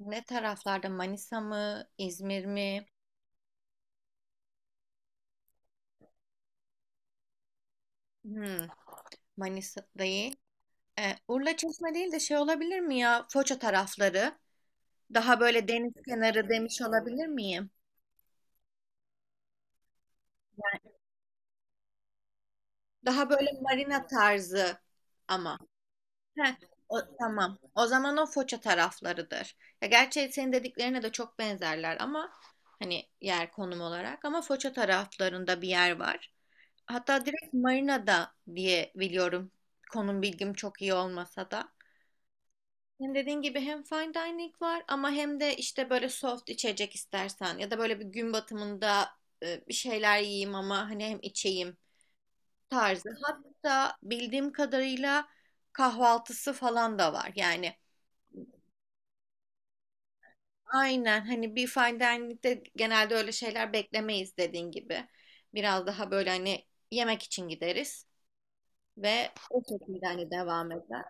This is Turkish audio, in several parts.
Ne taraflarda? Manisa mı? İzmir mi? Hmm, Manisa değil. Urla Çeşme değil de şey olabilir mi ya? Foça tarafları. Daha böyle deniz kenarı demiş olabilir miyim? Daha böyle marina tarzı ama. Heh, o, tamam. O zaman o Foça taraflarıdır. Ya gerçi senin dediklerine de çok benzerler ama hani yer konum olarak ama Foça taraflarında bir yer var. Hatta direkt Marina'da diye biliyorum. Konum bilgim çok iyi olmasa da. Hem dediğin gibi hem fine dining var ama hem de işte böyle soft içecek istersen ya da böyle bir gün batımında bir şeyler yiyeyim ama hani hem içeyim tarzı. Hatta bildiğim kadarıyla kahvaltısı falan da var. Yani aynen hani bir fine dining'de genelde öyle şeyler beklemeyiz dediğin gibi. Biraz daha böyle hani yemek için gideriz ve o şekilde hani devam eder.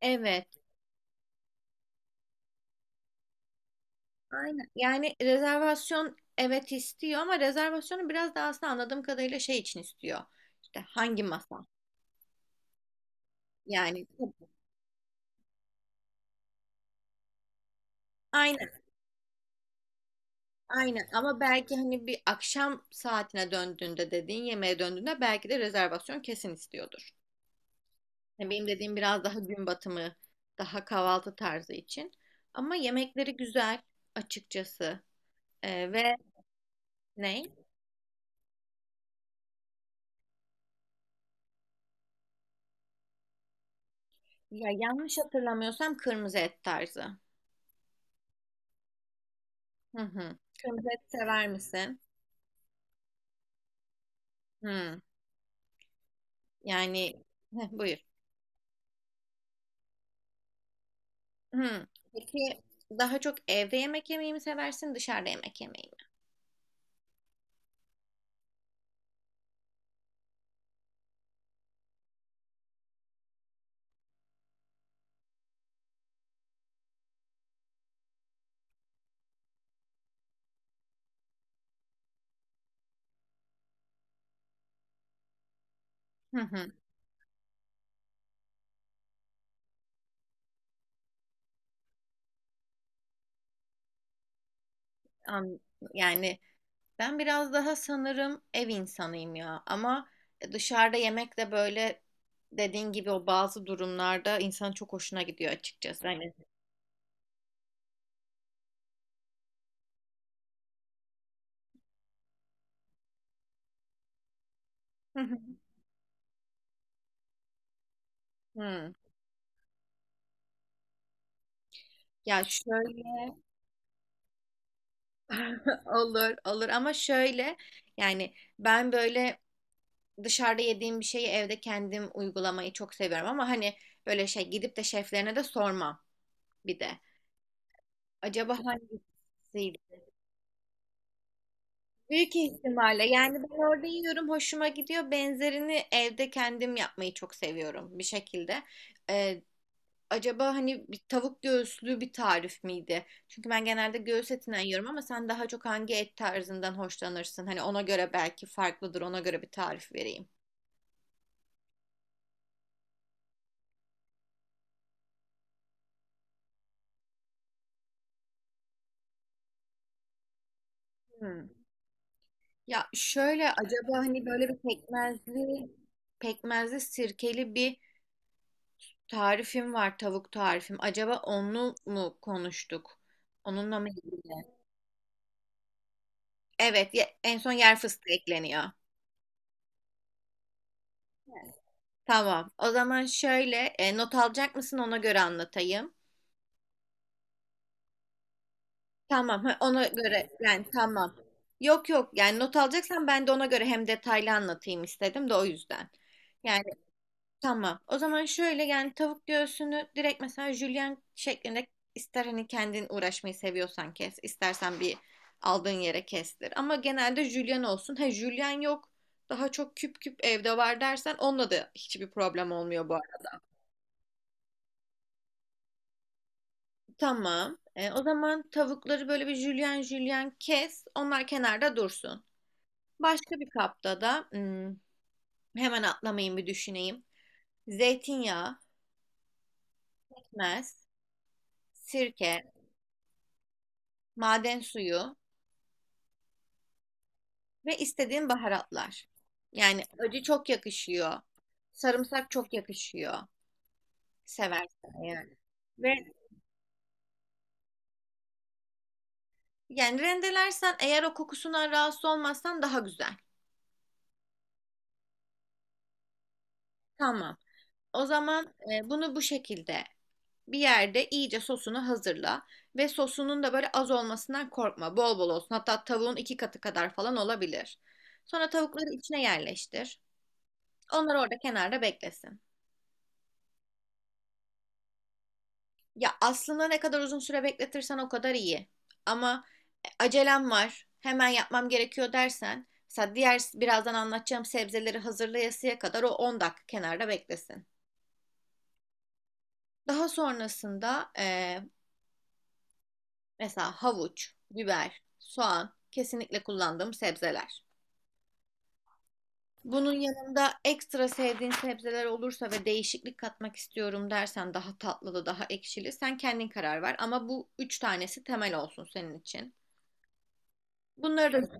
Evet. Aynen. Yani rezervasyon evet istiyor ama rezervasyonu biraz daha aslında anladığım kadarıyla şey için istiyor. İşte hangi masa? Yani tabii. Aynen, aynen ama belki hani bir akşam saatine döndüğünde dediğin yemeğe döndüğünde belki de rezervasyon kesin istiyordur. Yani benim dediğim biraz daha gün batımı, daha kahvaltı tarzı için. Ama yemekleri güzel açıkçası. Ve ne? Ya yanlış hatırlamıyorsam kırmızı et tarzı. Hı hı. Kırmızı et sever misin? Hı. Yani heh, buyur. Hı. Peki daha çok evde yemek yemeyi mi seversin, dışarıda yemek yemeyi mi? Hı hı. An- Yani ben biraz daha sanırım ev insanıyım ya. Ama dışarıda yemek de böyle dediğin gibi o bazı durumlarda insanın çok hoşuna gidiyor açıkçası. Hani. Hı hı. Hı. Ya şöyle olur olur ama şöyle yani ben böyle dışarıda yediğim bir şeyi evde kendim uygulamayı çok seviyorum ama hani böyle şey gidip de şeflerine de sormam bir de. Acaba hangisiydi? Büyük ihtimalle yani ben orada yiyorum hoşuma gidiyor. Benzerini evde kendim yapmayı çok seviyorum bir şekilde. Ee, acaba hani bir tavuk göğüslü bir tarif miydi? Çünkü ben genelde göğüs etinden yiyorum ama sen daha çok hangi et tarzından hoşlanırsın? Hani ona göre belki farklıdır ona göre bir tarif vereyim. Hmm. Ya şöyle acaba hani böyle bir pekmezli sirkeli bir tarifim var tavuk tarifim. Acaba onu mu konuştuk? Onunla mı ilgili? Evet en son yer fıstığı ekleniyor. Tamam. O zaman şöyle not alacak mısın ona göre anlatayım. Tamam. Ha, ona göre yani tamam. Yok yok yani not alacaksan ben de ona göre hem detaylı anlatayım istedim de o yüzden. Yani. Tamam. O zaman şöyle yani tavuk göğsünü direkt mesela jülyen şeklinde ister hani kendin uğraşmayı seviyorsan kes, istersen bir aldığın yere kestir. Ama genelde jülyen olsun. Ha jülyen yok, daha çok küp küp evde var dersen onunla da hiçbir problem olmuyor bu arada. Tamam. O zaman tavukları böyle bir jülyen jülyen kes. Onlar kenarda dursun. Başka bir kapta da hemen atlamayayım bir düşüneyim. Zeytinyağı, pekmez, sirke, maden suyu ve istediğin baharatlar. Yani acı çok yakışıyor. Sarımsak çok yakışıyor. Seversen eğer. Ve yani rendelersen eğer o kokusundan rahatsız olmazsan daha güzel. Tamam. O zaman bunu bu şekilde bir yerde iyice sosunu hazırla ve sosunun da böyle az olmasından korkma. Bol bol olsun. Hatta tavuğun iki katı kadar falan olabilir. Sonra tavukları içine yerleştir. Onlar orada kenarda beklesin. Ya aslında ne kadar uzun süre bekletirsen o kadar iyi. Ama acelem var, hemen yapmam gerekiyor" dersen, mesela diğer birazdan anlatacağım sebzeleri hazırlayasıya kadar o 10 dakika kenarda beklesin. Daha sonrasında mesela havuç, biber, soğan kesinlikle kullandığım sebzeler. Bunun yanında ekstra sevdiğin sebzeler olursa ve değişiklik katmak istiyorum dersen daha tatlılı, daha ekşili sen kendin karar ver. Ama bu üç tanesi temel olsun senin için. Bunları da.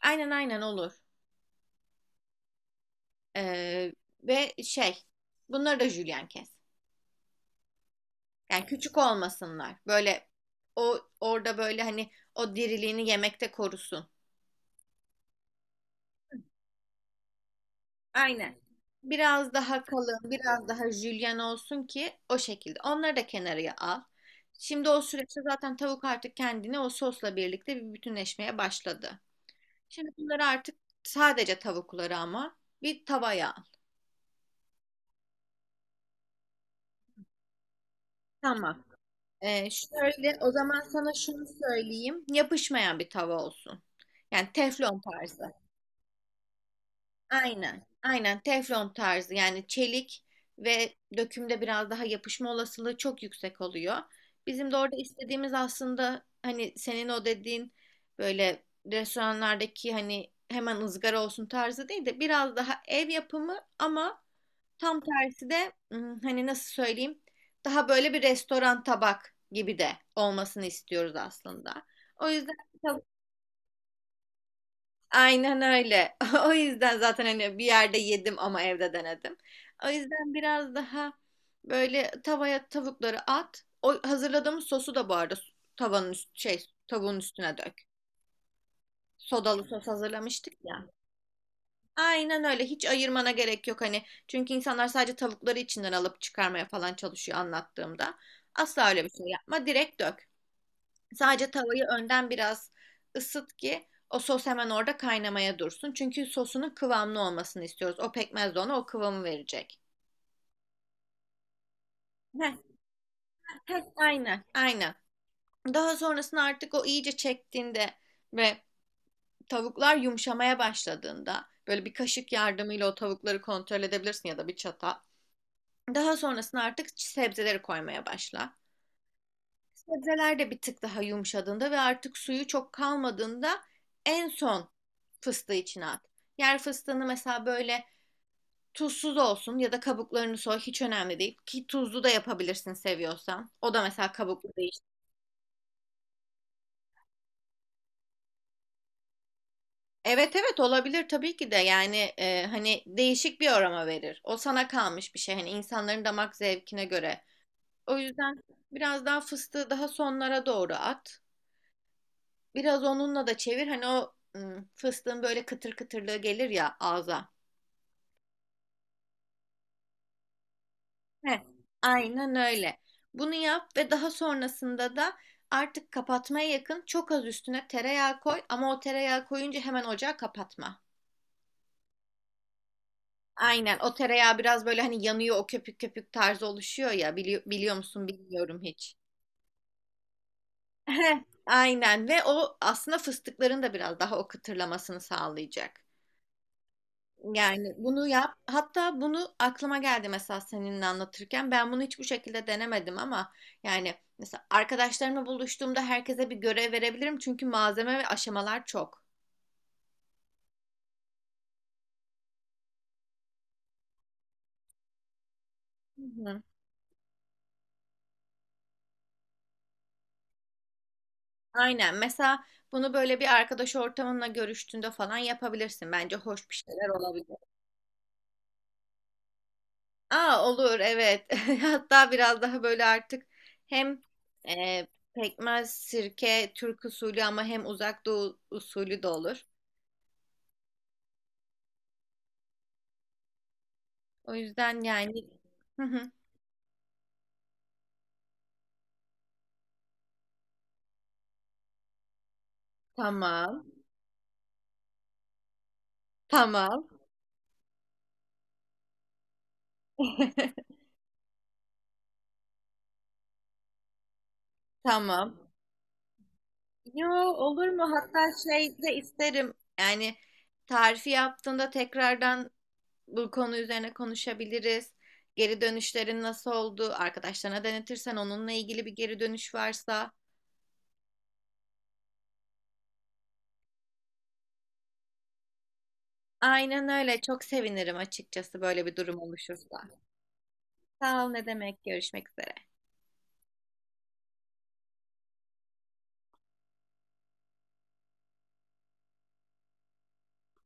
Aynen, aynen olur. Ee, ve şey bunları da jülyen kes. Yani küçük olmasınlar. Böyle o orada böyle hani o diriliğini yemekte korusun. Aynen. Biraz daha kalın, biraz daha jülyen olsun ki o şekilde. Onları da kenarıya al. Şimdi o süreçte zaten tavuk artık kendini o sosla birlikte bir bütünleşmeye başladı. Şimdi bunları artık sadece tavukları ama bir tavaya al. Tamam. Şöyle o zaman sana şunu söyleyeyim. Yapışmayan bir tava olsun. Yani teflon tarzı. Aynen. Aynen teflon tarzı. Yani çelik ve dökümde biraz daha yapışma olasılığı çok yüksek oluyor. Bizim de orada istediğimiz aslında hani senin o dediğin böyle restoranlardaki hani hemen ızgara olsun tarzı değil de biraz daha ev yapımı ama tam tersi de hani nasıl söyleyeyim daha böyle bir restoran tabak gibi de olmasını istiyoruz aslında. O yüzden tab- aynen öyle. O yüzden zaten hani bir yerde yedim ama evde denedim. O yüzden biraz daha böyle tavaya tavukları at. O hazırladığımız sosu da bu arada tavanın üst, şey tavuğun üstüne dök. Sodalı sos hazırlamıştık ya. Aynen öyle. Hiç ayırmana gerek yok hani. Çünkü insanlar sadece tavukları içinden alıp çıkarmaya falan çalışıyor anlattığımda. Asla öyle bir şey yapma. Direkt dök. Sadece tavayı önden biraz ısıt ki o sos hemen orada kaynamaya dursun. Çünkü sosunun kıvamlı olmasını istiyoruz. O pekmez de ona o kıvamı verecek. Heh, heh, aynen. Aynen. Daha sonrasında artık o iyice çektiğinde ve tavuklar yumuşamaya başladığında böyle bir kaşık yardımıyla o tavukları kontrol edebilirsin ya da bir çatal. Daha sonrasında artık sebzeleri koymaya başla. Sebzeler de bir tık daha yumuşadığında ve artık suyu çok kalmadığında en son fıstığı içine at. Yer fıstığını mesela böyle tuzsuz olsun ya da kabuklarını soy, hiç önemli değil. Ki tuzlu da yapabilirsin seviyorsan. O da mesela kabuklu değil. Evet evet olabilir tabii ki de yani hani değişik bir aroma verir. O sana kalmış bir şey hani insanların damak zevkine göre. O yüzden biraz daha fıstığı daha sonlara doğru at. Biraz onunla da çevir. Hani o fıstığın böyle kıtır kıtırlığı gelir ya ağza. Heh, aynen öyle. Bunu yap ve daha sonrasında da artık kapatmaya yakın çok az üstüne tereyağı koy ama o tereyağı koyunca hemen ocağı kapatma. Aynen o tereyağı biraz böyle hani yanıyor o köpük köpük tarzı oluşuyor ya, biliyor musun bilmiyorum hiç. Heh. Aynen ve o aslında fıstıkların da biraz daha o kıtırlamasını sağlayacak. Yani bunu yap. Hatta bunu aklıma geldi mesela seninle anlatırken. Ben bunu hiç bu şekilde denemedim ama yani mesela arkadaşlarımla buluştuğumda herkese bir görev verebilirim. Çünkü malzeme ve aşamalar çok. Hı hı. Aynen. Mesela bunu böyle bir arkadaş ortamınla görüştüğünde falan yapabilirsin. Bence hoş bir şeyler olabilir. Aa olur evet. Hatta biraz daha böyle artık hem e, pekmez, sirke, Türk usulü ama hem uzak doğu usulü de olur. O yüzden yani. Hı hı. Tamam, tamam, tamam. Yo, olur mu? Hatta şey de isterim. Yani tarifi yaptığında tekrardan bu konu üzerine konuşabiliriz. Geri dönüşlerin nasıl oldu? Arkadaşlarına denetirsen onunla ilgili bir geri dönüş varsa. Aynen öyle. Çok sevinirim açıkçası böyle bir durum oluşursa. Sağ ol, ne demek. Görüşmek üzere.